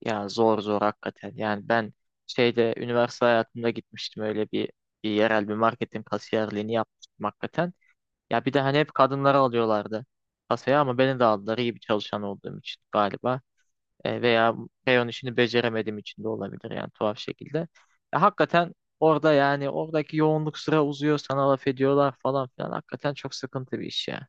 Ya zor zor hakikaten. Yani ben şeyde üniversite hayatımda gitmiştim öyle bir yerel bir marketin kasiyerliğini yapmıştım hakikaten. Ya bir de hani hep kadınları alıyorlardı kasaya ama beni de aldılar iyi bir çalışan olduğum için galiba. Veya reyon işini beceremediğim için de olabilir yani tuhaf şekilde. Ya hakikaten orada yani oradaki yoğunluk, sıra uzuyor, sana laf ediyorlar falan filan. Hakikaten çok sıkıntı bir iş ya.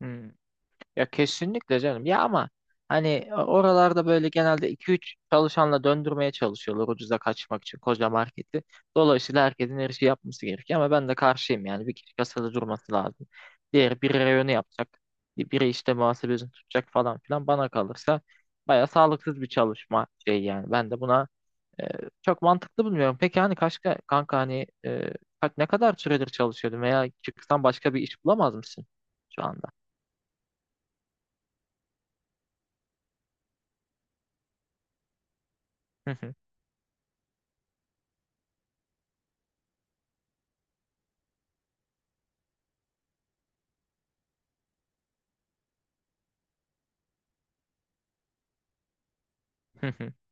Ya kesinlikle canım. Ya ama hani oralarda böyle genelde iki üç çalışanla döndürmeye çalışıyorlar ucuza kaçmak için koca marketi. Dolayısıyla herkesin her şeyi yapması gerekiyor ama ben de karşıyım yani. Bir kişi kasada durması lazım. Diğeri biri reyonu yapacak. Biri işte muhasebesini tutacak falan filan. Bana kalırsa baya sağlıksız bir çalışma şey yani. Ben de buna e, çok mantıklı bulmuyorum. Peki hani kaç kanka, hani ne kadar süredir çalışıyordun veya çıksan başka bir iş bulamaz mısın şu anda?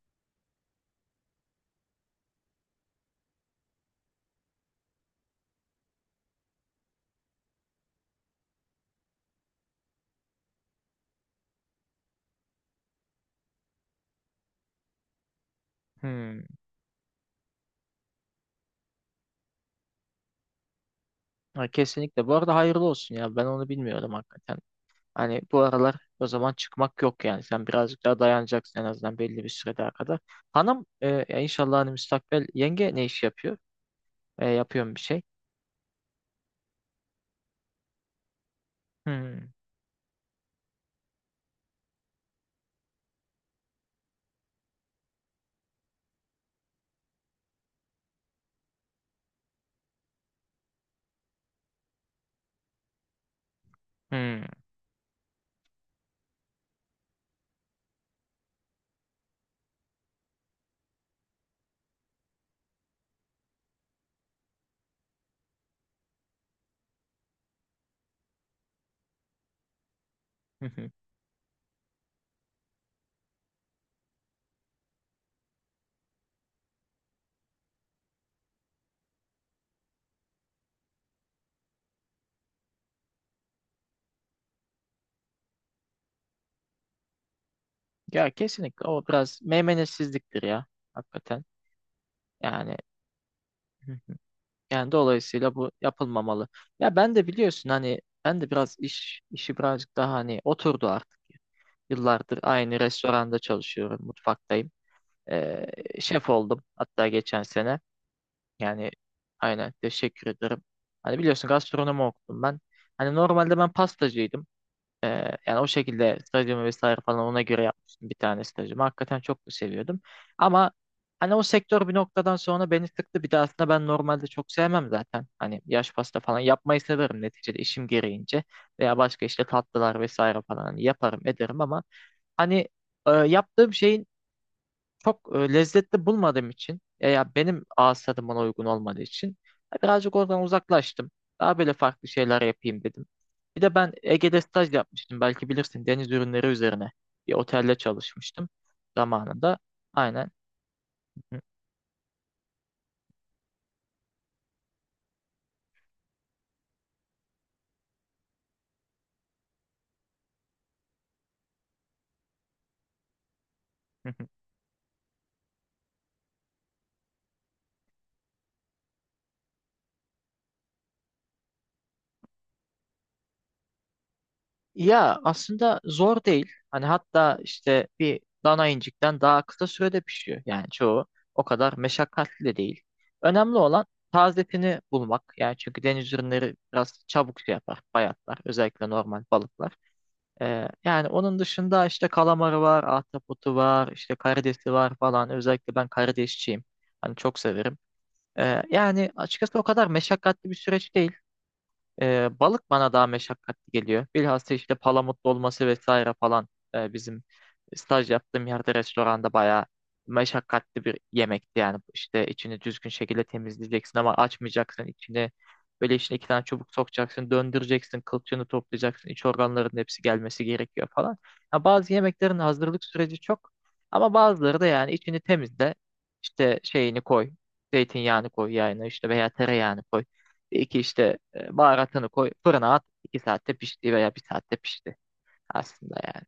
Hmm. Ha, kesinlikle. Bu arada hayırlı olsun ya. Ben onu bilmiyorum hakikaten. Hani bu aralar o zaman çıkmak yok yani. Sen birazcık daha dayanacaksın en azından belli bir süre daha kadar. Hanım ya inşallah hani müstakbel yenge ne iş yapıyor? E, yapıyorum bir şey. Hmm. Hmm. Hı hı. Ya kesinlikle o biraz meymenetsizliktir ya. Hakikaten. Yani, hı hı, yani dolayısıyla bu yapılmamalı. Ya ben de biliyorsun hani, ben de biraz iş işi birazcık daha hani oturdu artık. Yıllardır aynı restoranda çalışıyorum, mutfaktayım. Ee, Şef oldum hatta geçen sene. Yani aynen, teşekkür ederim. Hani biliyorsun gastronomi okudum ben. Hani normalde ben pastacıydım. Yani o şekilde stajımı vesaire falan ona göre yapmıştım bir tane stajımı. Hakikaten çok da seviyordum. Ama hani o sektör bir noktadan sonra beni sıktı. Bir de aslında ben normalde çok sevmem zaten. Hani yaş pasta falan yapmayı severim neticede işim gereğince. Veya başka işte tatlılar vesaire falan hani yaparım ederim ama hani yaptığım şeyin çok lezzetli bulmadığım için, ya benim ağız tadıma uygun olmadığı için birazcık oradan uzaklaştım. Daha böyle farklı şeyler yapayım dedim. Bir de ben Ege'de staj yapmıştım. Belki bilirsin, deniz ürünleri üzerine bir otelde çalışmıştım zamanında. Aynen. Ya aslında zor değil. Hani hatta işte bir dana incikten daha kısa sürede pişiyor. Yani çoğu o kadar meşakkatli de değil. Önemli olan tazetini bulmak. Yani çünkü deniz ürünleri biraz çabuk şey yapar, bayatlar. Özellikle normal balıklar. Yani onun dışında işte kalamarı var, ahtapotu var, işte karidesi var falan. Özellikle ben karidesçiyim. Hani çok severim. Yani açıkçası o kadar meşakkatli bir süreç değil. Balık bana daha meşakkatli geliyor. Bilhassa işte palamutlu olması vesaire falan, bizim staj yaptığım yerde restoranda bayağı meşakkatli bir yemekti. Yani işte içini düzgün şekilde temizleyeceksin ama açmayacaksın içini. Böyle içine iki tane çubuk sokacaksın, döndüreceksin, kılçığını toplayacaksın, iç organların hepsi gelmesi gerekiyor falan. Ya bazı yemeklerin hazırlık süreci çok, ama bazıları da yani içini temizle, işte şeyini koy, zeytinyağını koy yağını işte veya tereyağını koy. İki işte baharatını koy, fırına at. İki saatte pişti veya bir saatte pişti aslında yani.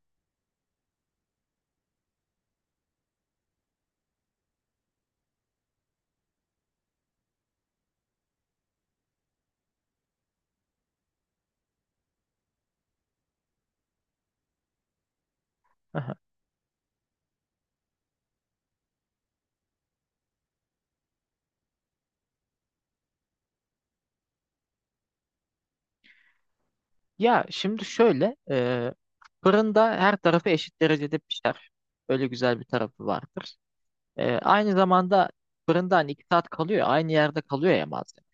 Aha. Ya şimdi şöyle, fırında her tarafı eşit derecede pişer. Öyle güzel bir tarafı vardır. Aynı zamanda fırında hani 2 saat kalıyor, aynı yerde kalıyor ya malzeme.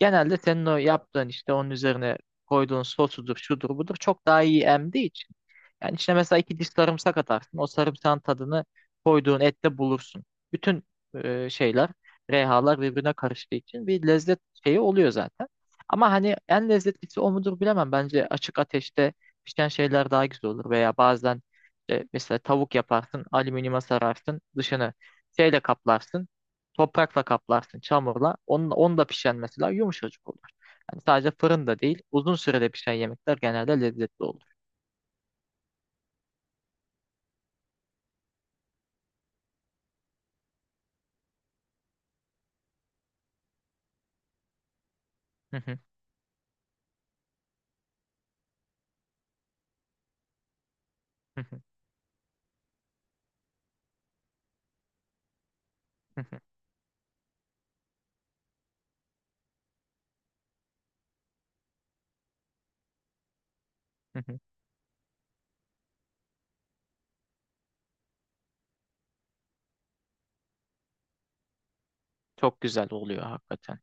Genelde senin o yaptığın işte, onun üzerine koyduğun sosudur, şudur, budur, çok daha iyi emdiği için. Yani içine mesela iki diş sarımsak atarsın. O sarımsağın tadını koyduğun ette bulursun. Bütün şeyler, rehalar birbirine karıştığı için bir lezzet şeyi oluyor zaten. Ama hani en lezzetlisi o mudur bilemem. Bence açık ateşte pişen şeyler daha güzel olur. Veya bazen mesela tavuk yaparsın, alüminyuma sararsın, dışını şeyle kaplarsın. Toprakla kaplarsın, çamurla. Onun, onu da pişen mesela yumuşacık olur. Yani sadece fırında değil, uzun sürede pişen yemekler genelde lezzetli olur. Hı hı, hı hı, hı hı, hı hı. Çok güzel oluyor hakikaten.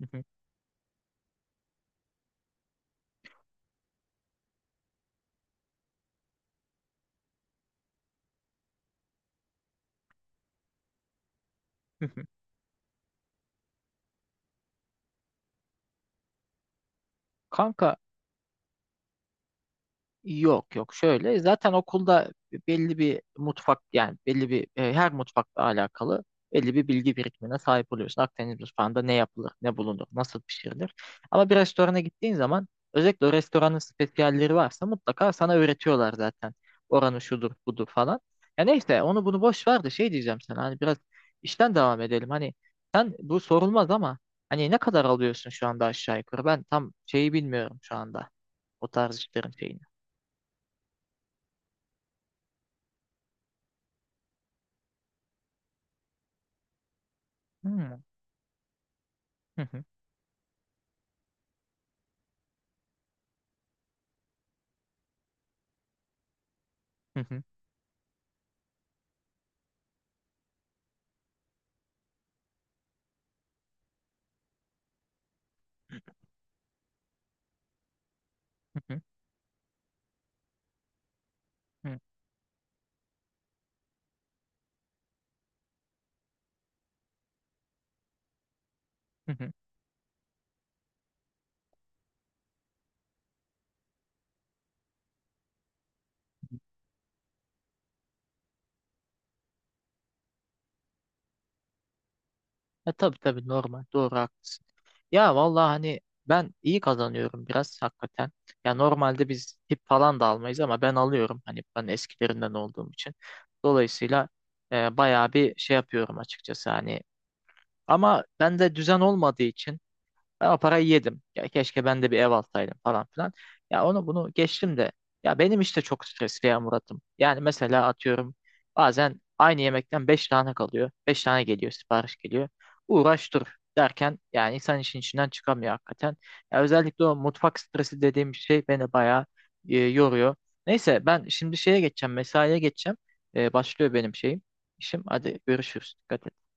Hı hı, hı hı. Kanka, yok yok, şöyle zaten okulda belli bir mutfak, yani belli bir her mutfakla alakalı belli bir bilgi birikimine sahip oluyorsun. Akdeniz mutfağında ne yapılır, ne bulunur, nasıl pişirilir. Ama bir restorana gittiğin zaman özellikle o restoranın spesiyalleri varsa mutlaka sana öğretiyorlar zaten. Oranı şudur budur falan. Ya neyse, onu bunu boş ver de şey diyeceğim sana, hani biraz işten devam edelim. Hani sen, bu sorulmaz ama hani ne kadar alıyorsun şu anda aşağı yukarı, ben tam şeyi bilmiyorum şu anda o tarz işlerin şeyini. Hmm. Hı hı, hı hı, hı hı, hı hı. E tabii tabii, normal. Doğru, haklısın. Ya vallahi hani ben iyi kazanıyorum biraz hakikaten. Ya normalde biz tip falan da almayız ama ben alıyorum hani, ben eskilerinden olduğum için. Dolayısıyla bayağı bir şey yapıyorum açıkçası hani. Ama bende düzen olmadığı için ben o parayı yedim. Ya keşke ben de bir ev alsaydım falan filan. Ya onu bunu geçtim de. Ya benim işte çok stresli ya Murat'ım. Yani mesela atıyorum bazen aynı yemekten 5 tane kalıyor. Beş tane geliyor, sipariş geliyor. Uğraş dur derken yani insan işin içinden çıkamıyor hakikaten. Ya özellikle o mutfak stresi dediğim şey beni bayağı yoruyor. Neyse ben şimdi şeye geçeceğim, mesaiye geçeceğim. Başlıyor benim şeyim, işim. Hadi görüşürüz. Dikkat et.